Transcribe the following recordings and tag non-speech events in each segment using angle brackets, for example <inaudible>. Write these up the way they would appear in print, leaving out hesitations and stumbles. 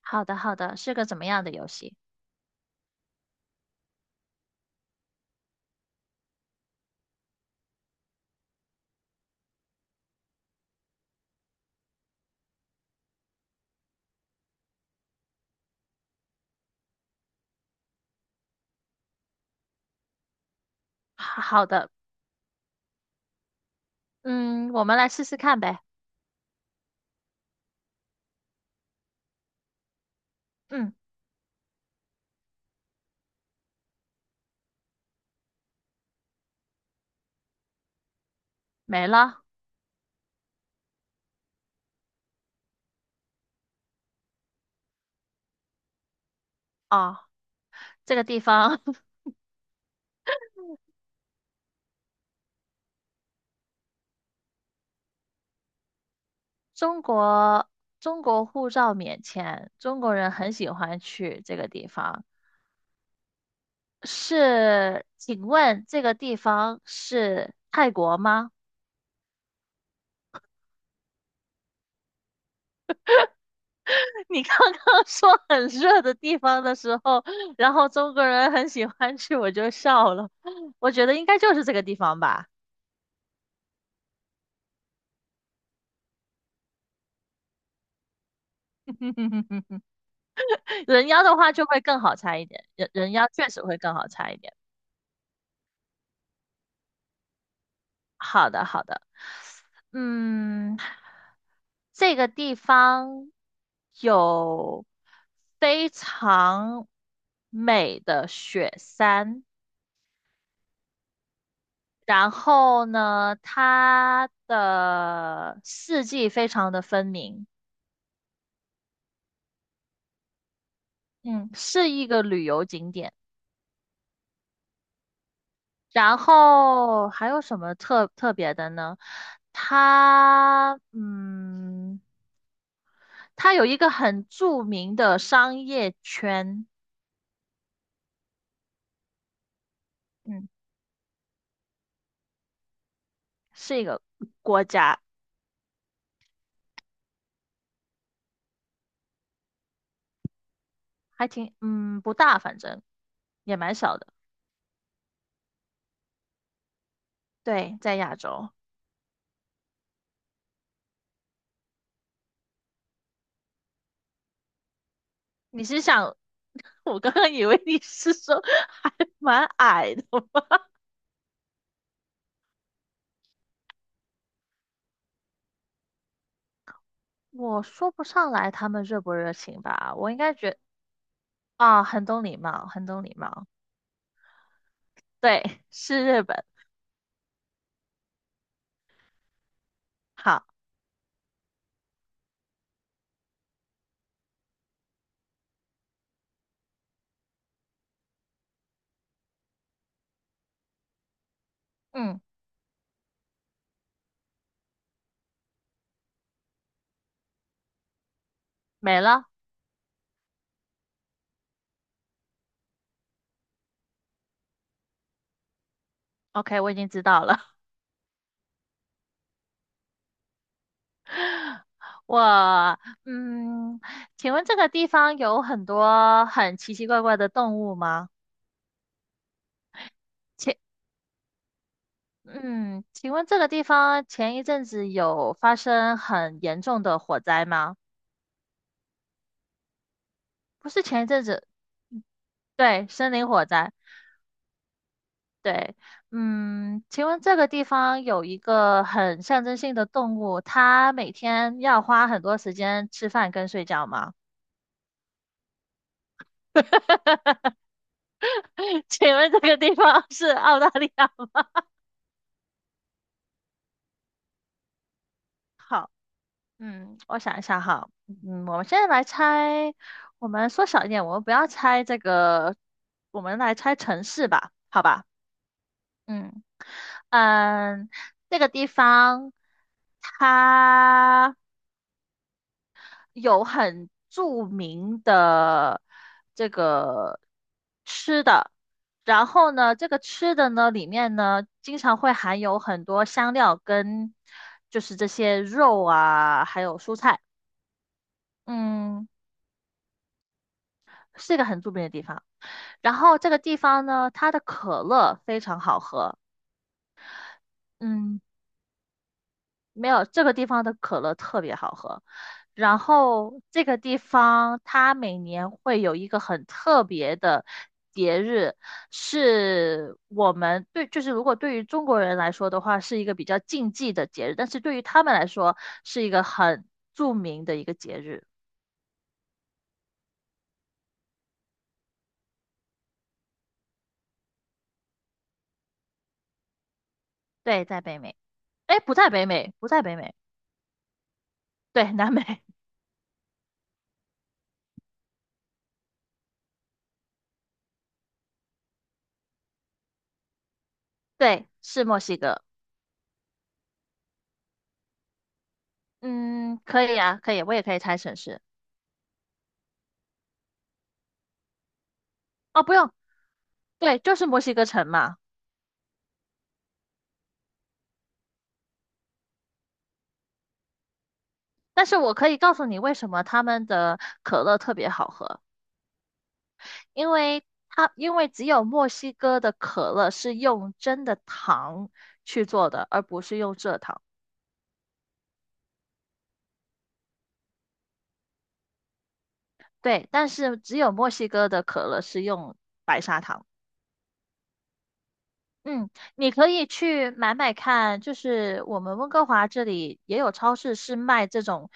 好的，好的，是个怎么样的游戏？好好的。嗯，我们来试试看呗。嗯，没了。哦，这个地方，<laughs> 中国中国护照免签，中国人很喜欢去这个地方。是，请问这个地方是泰国吗？<laughs> 你刚刚说很热的地方的时候，然后中国人很喜欢去，我就笑了。<laughs> 我觉得应该就是这个地方吧。<laughs> 人妖的话就会更好猜一点，人妖确实会更好猜一点。好的，好的。嗯，这个地方有非常美的雪山，然后呢，它的四季非常的分明，嗯，是一个旅游景点。然后还有什么特别的呢？它，嗯。它有一个很著名的商业圈。嗯，是一个国家，还挺，嗯，不大，反正也蛮小的。对，在亚洲。你是想，<laughs> 我刚刚以为你是说还 <laughs> 蛮矮的吗？<laughs> 我说不上来他们热不热情吧，我应该觉啊，很懂礼貌，很懂礼貌。对，是日本。好。嗯，没了。OK，我已经知道了。我，嗯，请问这个地方有很多很奇奇怪怪的动物吗？请，嗯，请问这个地方前一阵子有发生很严重的火灾吗？不是前一阵子，嗯，对，森林火灾，对。请问这个地方有一个很象征性的动物，它每天要花很多时间吃饭跟睡觉吗？<laughs> 请问这个地方是澳大利亚吗？<laughs> 好。嗯，我想一下哈。嗯，我们现在来猜，我们缩小一点，我们不要猜这个，我们来猜城市吧，好吧？嗯嗯，这个地方它有很著名的这个吃的，然后呢，这个吃的呢里面呢经常会含有很多香料跟就是这些肉啊，还有蔬菜。嗯。是一个很著名的地方。然后这个地方呢，它的可乐非常好喝。嗯，没有，这个地方的可乐特别好喝。然后这个地方它每年会有一个很特别的节日，是我们对，就是如果对于中国人来说的话，是一个比较禁忌的节日，但是对于他们来说是一个很著名的一个节日。对，在北美。哎，不在北美，不在北美。对，南美。<laughs> 对，是墨西哥。嗯，可以啊，可以，我也可以猜城市。哦，不用，对，就是墨西哥城嘛。但是我可以告诉你为什么他们的可乐特别好喝，因为只有墨西哥的可乐是用真的糖去做的，而不是用蔗糖。对，但是只有墨西哥的可乐是用白砂糖。嗯，你可以去买买看，就是我们温哥华这里也有超市是卖这种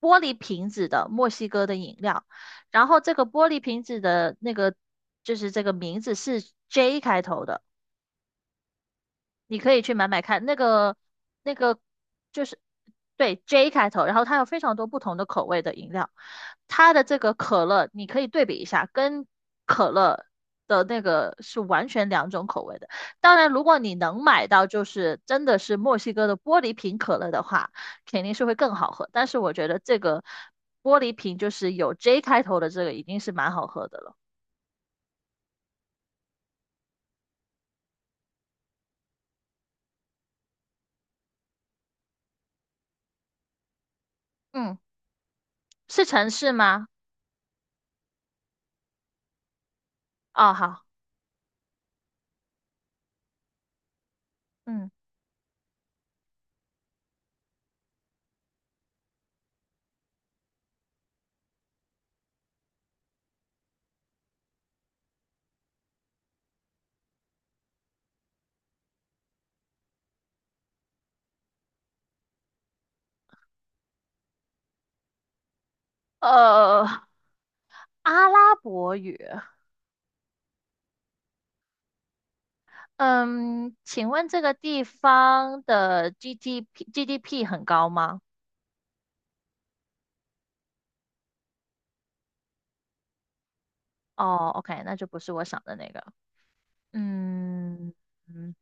玻璃瓶子的墨西哥的饮料，然后这个玻璃瓶子的那个就是这个名字是 J 开头的。你可以去买买看，那个就是对 J 开头，然后它有非常多不同的口味的饮料，它的这个可乐你可以对比一下，跟可乐的那个是完全两种口味的。当然，如果你能买到就是真的是墨西哥的玻璃瓶可乐的话，肯定是会更好喝。但是我觉得这个玻璃瓶就是有 J 开头的这个已经是蛮好喝的了。嗯，是城市吗？哦，好。嗯，呃。阿拉伯语。嗯，请问这个地方的 GDP 很高吗？哦，OK，那就不是我想的那个。嗯嗯，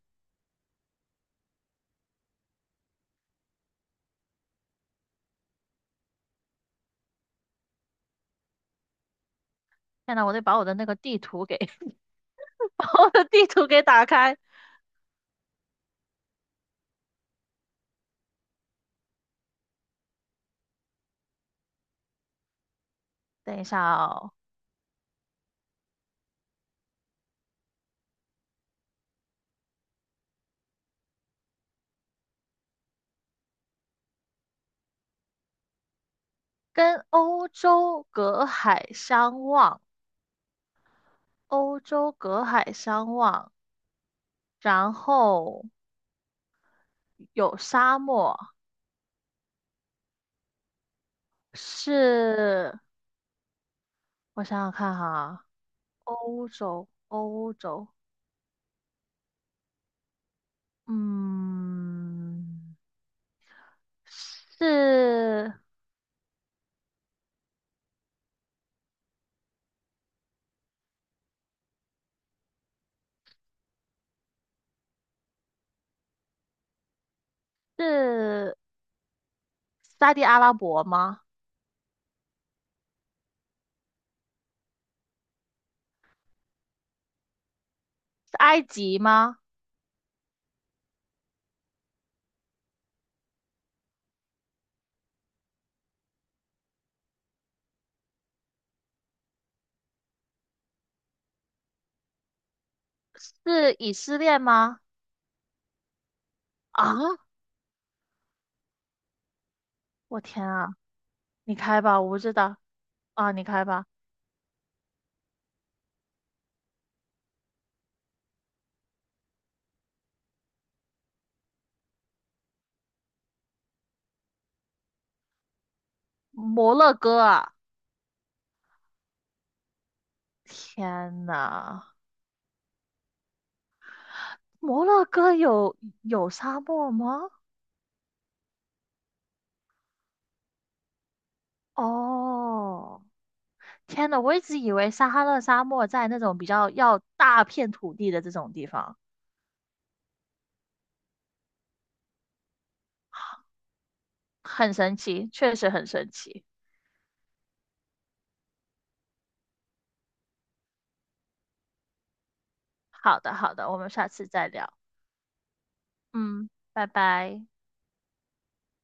天呐，我得把我的那个地图给 <laughs> 把我的地图给打开。等一下哦，跟欧洲隔海相望，欧洲隔海相望，然后有沙漠。是，我想想看哈，欧洲，欧洲。嗯，是是沙地阿拉伯吗？是埃及吗？是以色列吗？啊，我天啊！你开吧，我不知道。啊，你开吧。摩洛哥啊！天呐，摩洛哥有沙漠吗？哦，天呐，我一直以为撒哈拉沙漠在那种比较要大片土地的这种地方，<gasps> 很神奇，确实很神奇。好的，好的，我们下次再聊。嗯，拜拜。